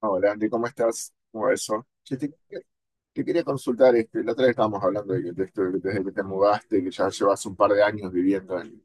Hola Andy, ¿cómo estás? ¿Cómo va eso? Che, te quería consultar, este, la otra vez estábamos hablando de esto, desde que te mudaste, que ya llevas un par de años viviendo en,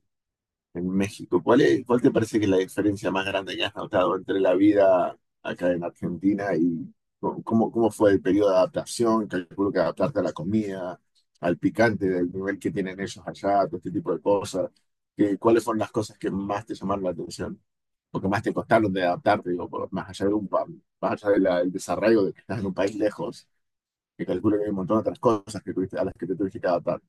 en México. ¿Cuál te parece que es la diferencia más grande que has notado entre la vida acá en Argentina y cómo fue el periodo de adaptación? Calculo que adaptarte a la comida, al picante, del nivel que tienen ellos allá, todo este tipo de cosas. ¿Cuáles fueron las cosas que más te llamaron la atención? Porque más te costaron de adaptarte, digo, más allá de del desarraigo de que estás en un país lejos, que calculo que hay un montón de otras cosas que a las que te tuviste que adaptar.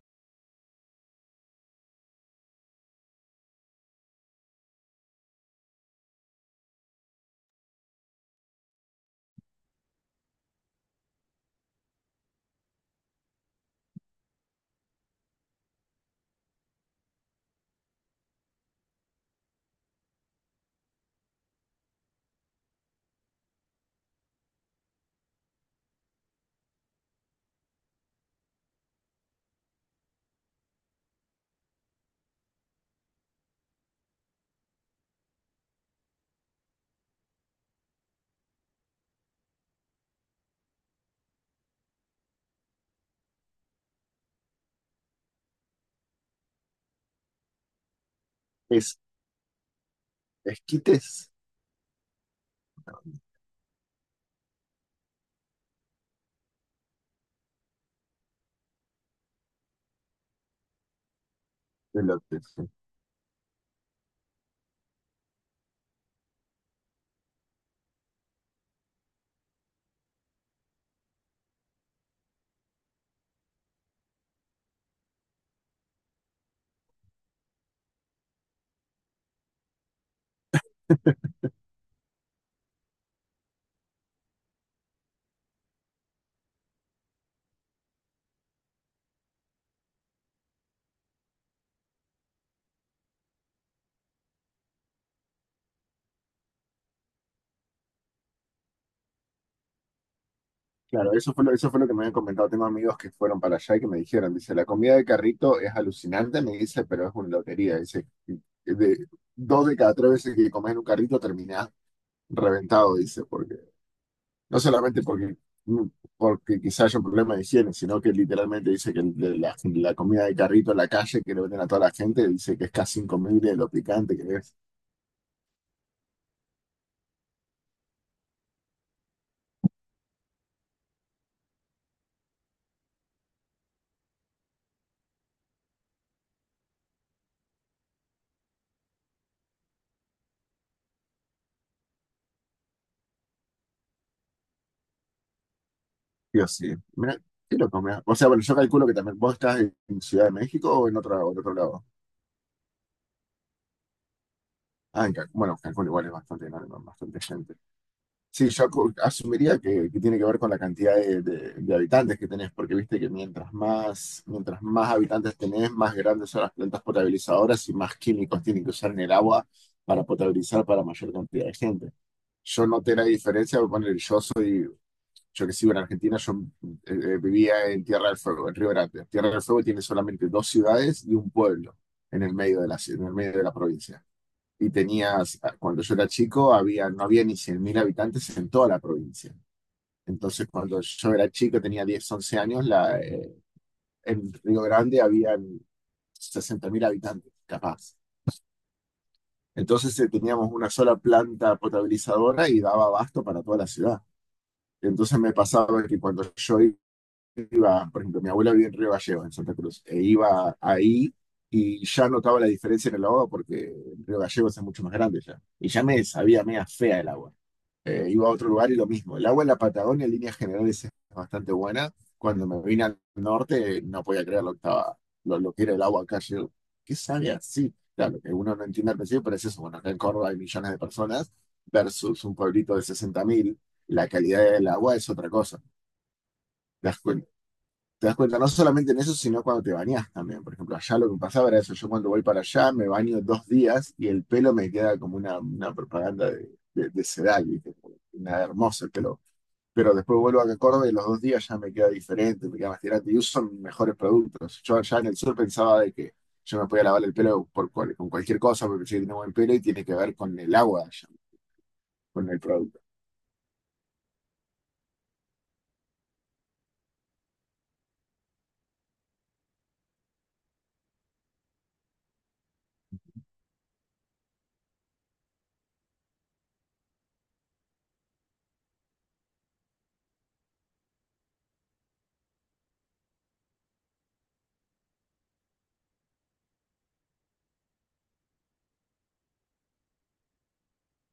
Es esquites de lotes. Claro, eso fue lo que me habían comentado. Tengo amigos que fueron para allá y que me dijeron, dice, la comida de carrito es alucinante, me dice, pero es una lotería. Dice, de dos de cada tres veces que comes en un carrito terminás reventado, dice. Porque No solamente porque quizás haya un problema de higiene, sino que literalmente dice que la comida de carrito en la calle que le venden a toda la gente, dice que es casi incomible lo picante que es. Dios sí. Mira, qué loco, mirá. O sea, bueno, yo calculo que también vos estás en Ciudad de México o en otro lado. Ah, en Cancún. Bueno, Cancún igual es bastante enorme, bastante gente. Sí, yo asumiría que tiene que ver con la cantidad de habitantes que tenés, porque viste que mientras más habitantes tenés, más grandes son las plantas potabilizadoras y más químicos tienen que usar en el agua para potabilizar para mayor cantidad de gente. Yo noté la diferencia, voy a poner, yo que sigo en Argentina, yo vivía en Tierra del Fuego, en Río Grande. Tierra del Fuego tiene solamente dos ciudades y un pueblo en el medio de la provincia. Y tenías, cuando yo era chico, no había ni 100.000 habitantes en toda la provincia. Entonces, cuando yo era chico, tenía 10 u 11 años, en Río Grande habían 60.000 habitantes, capaz. Entonces teníamos una sola planta potabilizadora y daba abasto para toda la ciudad. Entonces me pasaba que cuando yo iba, por ejemplo, mi abuela vivía en Río Gallegos, en Santa Cruz, e iba ahí y ya notaba la diferencia en el agua porque Río Gallegos es mucho más grande ya. Y ya me sabía media fea el agua. Iba a otro lugar y lo mismo. El agua en la Patagonia en líneas generales es bastante buena. Cuando me vine al norte no podía creer lo que era el agua acá. Yo, ¿qué sabe así? Claro, que uno no entiende al principio, pero es eso. Bueno, acá en Córdoba hay millones de personas versus un pueblito de 60.000. La calidad del agua es otra cosa. ¿Te das cuenta? Te das cuenta no solamente en eso, sino cuando te bañas también. Por ejemplo, allá lo que me pasaba era eso. Yo cuando voy para allá me baño 2 días y el pelo me queda como una propaganda de Sedal, ¿viste? Una hermosa el pelo, pero después vuelvo a Córdoba y los 2 días ya me queda diferente, me queda más tirante y uso mejores productos. Yo allá en el sur pensaba de que yo me podía lavar el pelo por con cualquier cosa porque si tengo buen pelo y tiene que ver con el agua, allá, con el producto.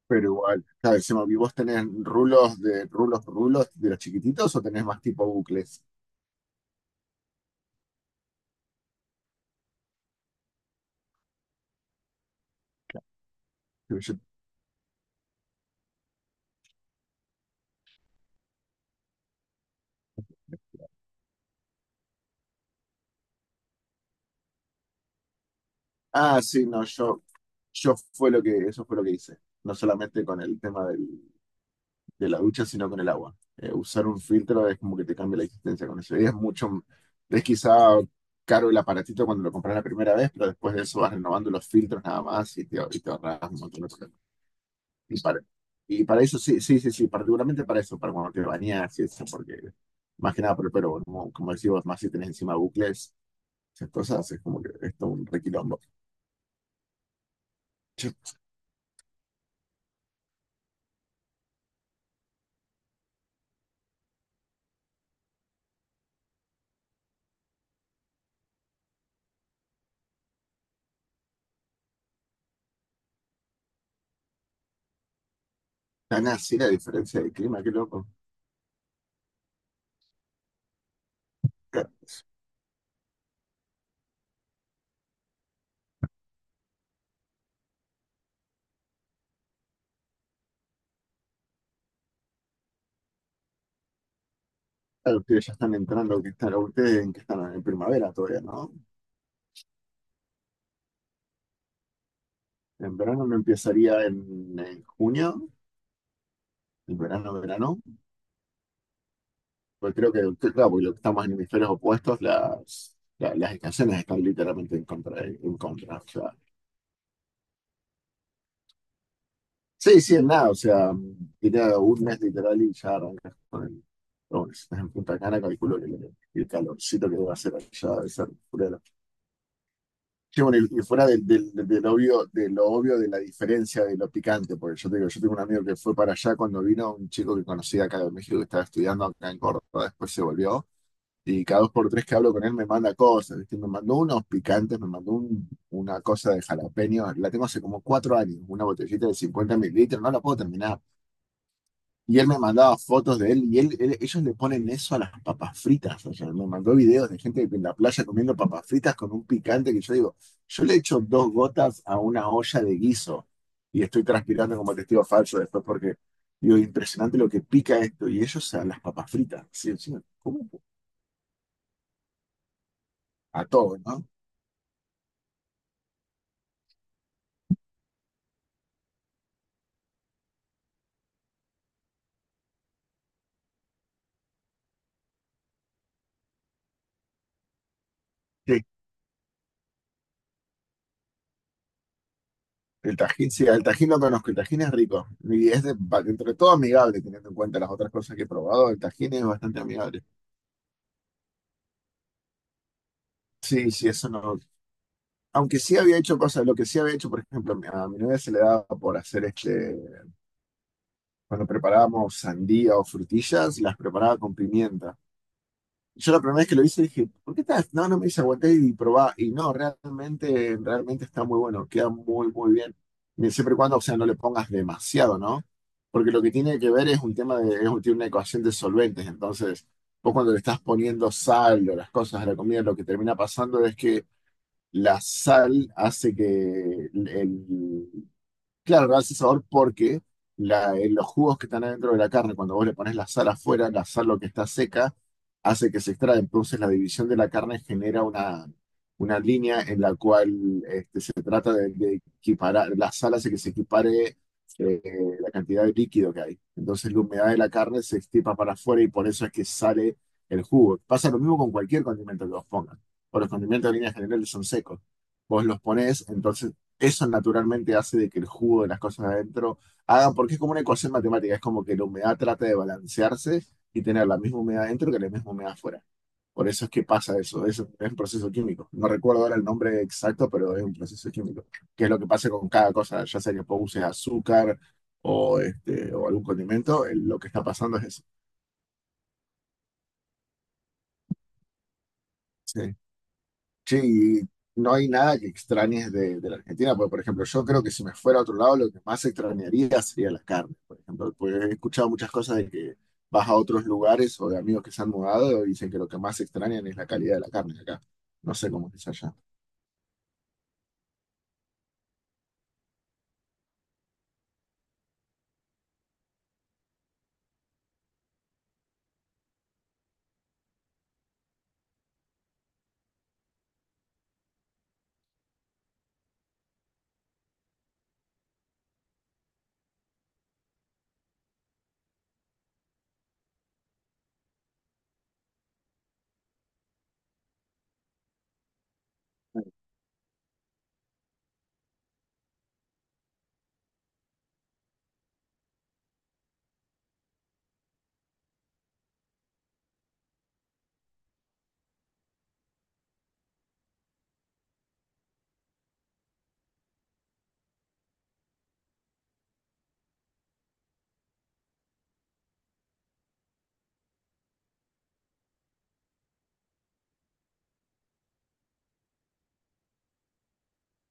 Pero igual, claro, encima, ¿y vos tenés rulos de rulos, rulos de los chiquititos o tenés más tipo bucles? yo- ah, sí, no, yo fue lo que, eso fue lo que hice. No solamente con el tema de la ducha, sino con el agua. Usar un filtro es como que te cambia la existencia con eso. Y es mucho, es quizá caro el aparatito cuando lo compras la primera vez, pero después de eso vas renovando los filtros nada más y te ahorras un montón de cosas. Y para, y para eso, sí, sí, sí, sí, particularmente para eso, para cuando te bañas y eso, porque más que nada por el pelo, como decimos, más si tenés encima bucles, esas cosas, es como que esto es un requilombo. Che, tan así la diferencia de clima, qué loco. Claro, ustedes ya están entrando, ustedes en que están en primavera todavía, ¿no? En verano no empezaría en junio, en verano, verano. Pues creo claro, porque lo que estamos en hemisferios opuestos, las estaciones están literalmente en contra. En contra. O sea, sí, sí, en nada. O sea, diría un mes literal y ya arrancas con el. Pero bueno, si estás en Punta Cana, calculo que el calorcito que debe hacer allá debe ser. Sí, bueno, y fuera de lo obvio de la diferencia de lo picante, porque yo te digo, yo tengo un amigo que fue para allá cuando vino, un chico que conocía acá de México que estaba estudiando acá en Córdoba, después se volvió, y cada dos por tres que hablo con él me manda cosas, ¿viste? Me mandó unos picantes, me mandó una cosa de jalapeño, la tengo hace como 4 años, una botellita de 50 mililitros, no la puedo terminar, y él me mandaba fotos de él. Y ellos le ponen eso a las papas fritas. O sea, me mandó videos de gente en la playa comiendo papas fritas con un picante que yo digo, yo le echo dos gotas a una olla de guiso y estoy transpirando como testigo falso después porque digo, impresionante lo que pica esto. Y ellos a las papas fritas, sí, encima, ¿cómo? A todo, ¿no? Sí, sí, el tajín lo conozco, el tajín es rico y es entre todo amigable, teniendo en cuenta las otras cosas que he probado, el tajín es bastante amigable. Sí, sí, eso no, aunque sí había hecho cosas, lo que sí había hecho, por ejemplo, a mi, novia se le daba por hacer este, cuando preparábamos sandía o frutillas, las preparaba con pimienta. Yo la primera vez que lo hice dije, ¿por qué estás? No, no me dice, aguanté y probá. Y no, realmente, realmente está muy bueno, queda muy, muy bien. Y siempre y cuando, o sea, no le pongas demasiado, ¿no? Porque lo que tiene que ver es un tema de, es un, tiene una ecuación de solventes. Entonces, vos cuando le estás poniendo sal o las cosas a la comida, lo que termina pasando es que la sal hace que el. Claro, lo hace sabor porque los jugos que están adentro de la carne, cuando vos le pones la sal afuera, la sal lo que está seca, hace que se extraiga. Entonces la división de la carne genera una línea en la cual este, se trata de equiparar, la sal hace que se equipare eh, la cantidad de líquido que hay. Entonces la humedad de la carne se extipa para afuera y por eso es que sale el jugo. Pasa lo mismo con cualquier condimento que vos pongas. O los condimentos en líneas generales son secos. Vos los ponés, entonces eso naturalmente hace de que el jugo de las cosas adentro hagan, porque es como una ecuación matemática, es como que la humedad trata de balancearse y tener la misma humedad adentro que la misma humedad afuera. Por eso es que pasa eso, es un proceso químico. No recuerdo ahora el nombre exacto, pero es un proceso químico, que es lo que pasa con cada cosa, ya sea que vos uses azúcar o algún condimento, lo que está pasando es eso. Sí. Sí, y no hay nada que extrañes de la Argentina, porque por ejemplo, yo creo que si me fuera a otro lado, lo que más extrañaría sería la carne, por ejemplo, porque he escuchado muchas cosas de que vas a otros lugares o de amigos que se han mudado y dicen que lo que más extrañan es la calidad de la carne acá. No sé cómo es allá.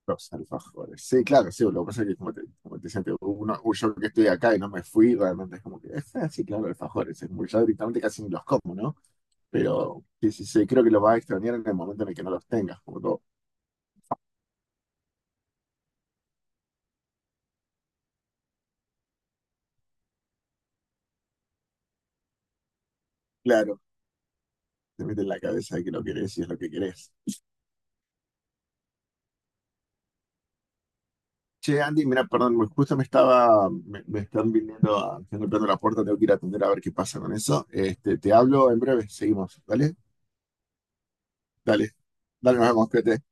Los alfajores. Sí, claro, sí, lo que pasa es que como te decía antes, yo que estoy acá y no me fui, realmente es como que, sí, claro, alfajores, ya directamente casi ni los como, ¿no? Pero sí, sí, sí, creo que lo vas a extrañar en el momento en el que no los tengas, como todo. Claro. Te mete en la cabeza que lo querés y es lo que querés. Che, Andy, mira, perdón, justo me están viniendo, están golpeando la puerta, tengo que ir a atender a ver qué pasa con eso. Este, te hablo en breve, seguimos, ¿vale? Dale, dale, nos vemos, cuídate.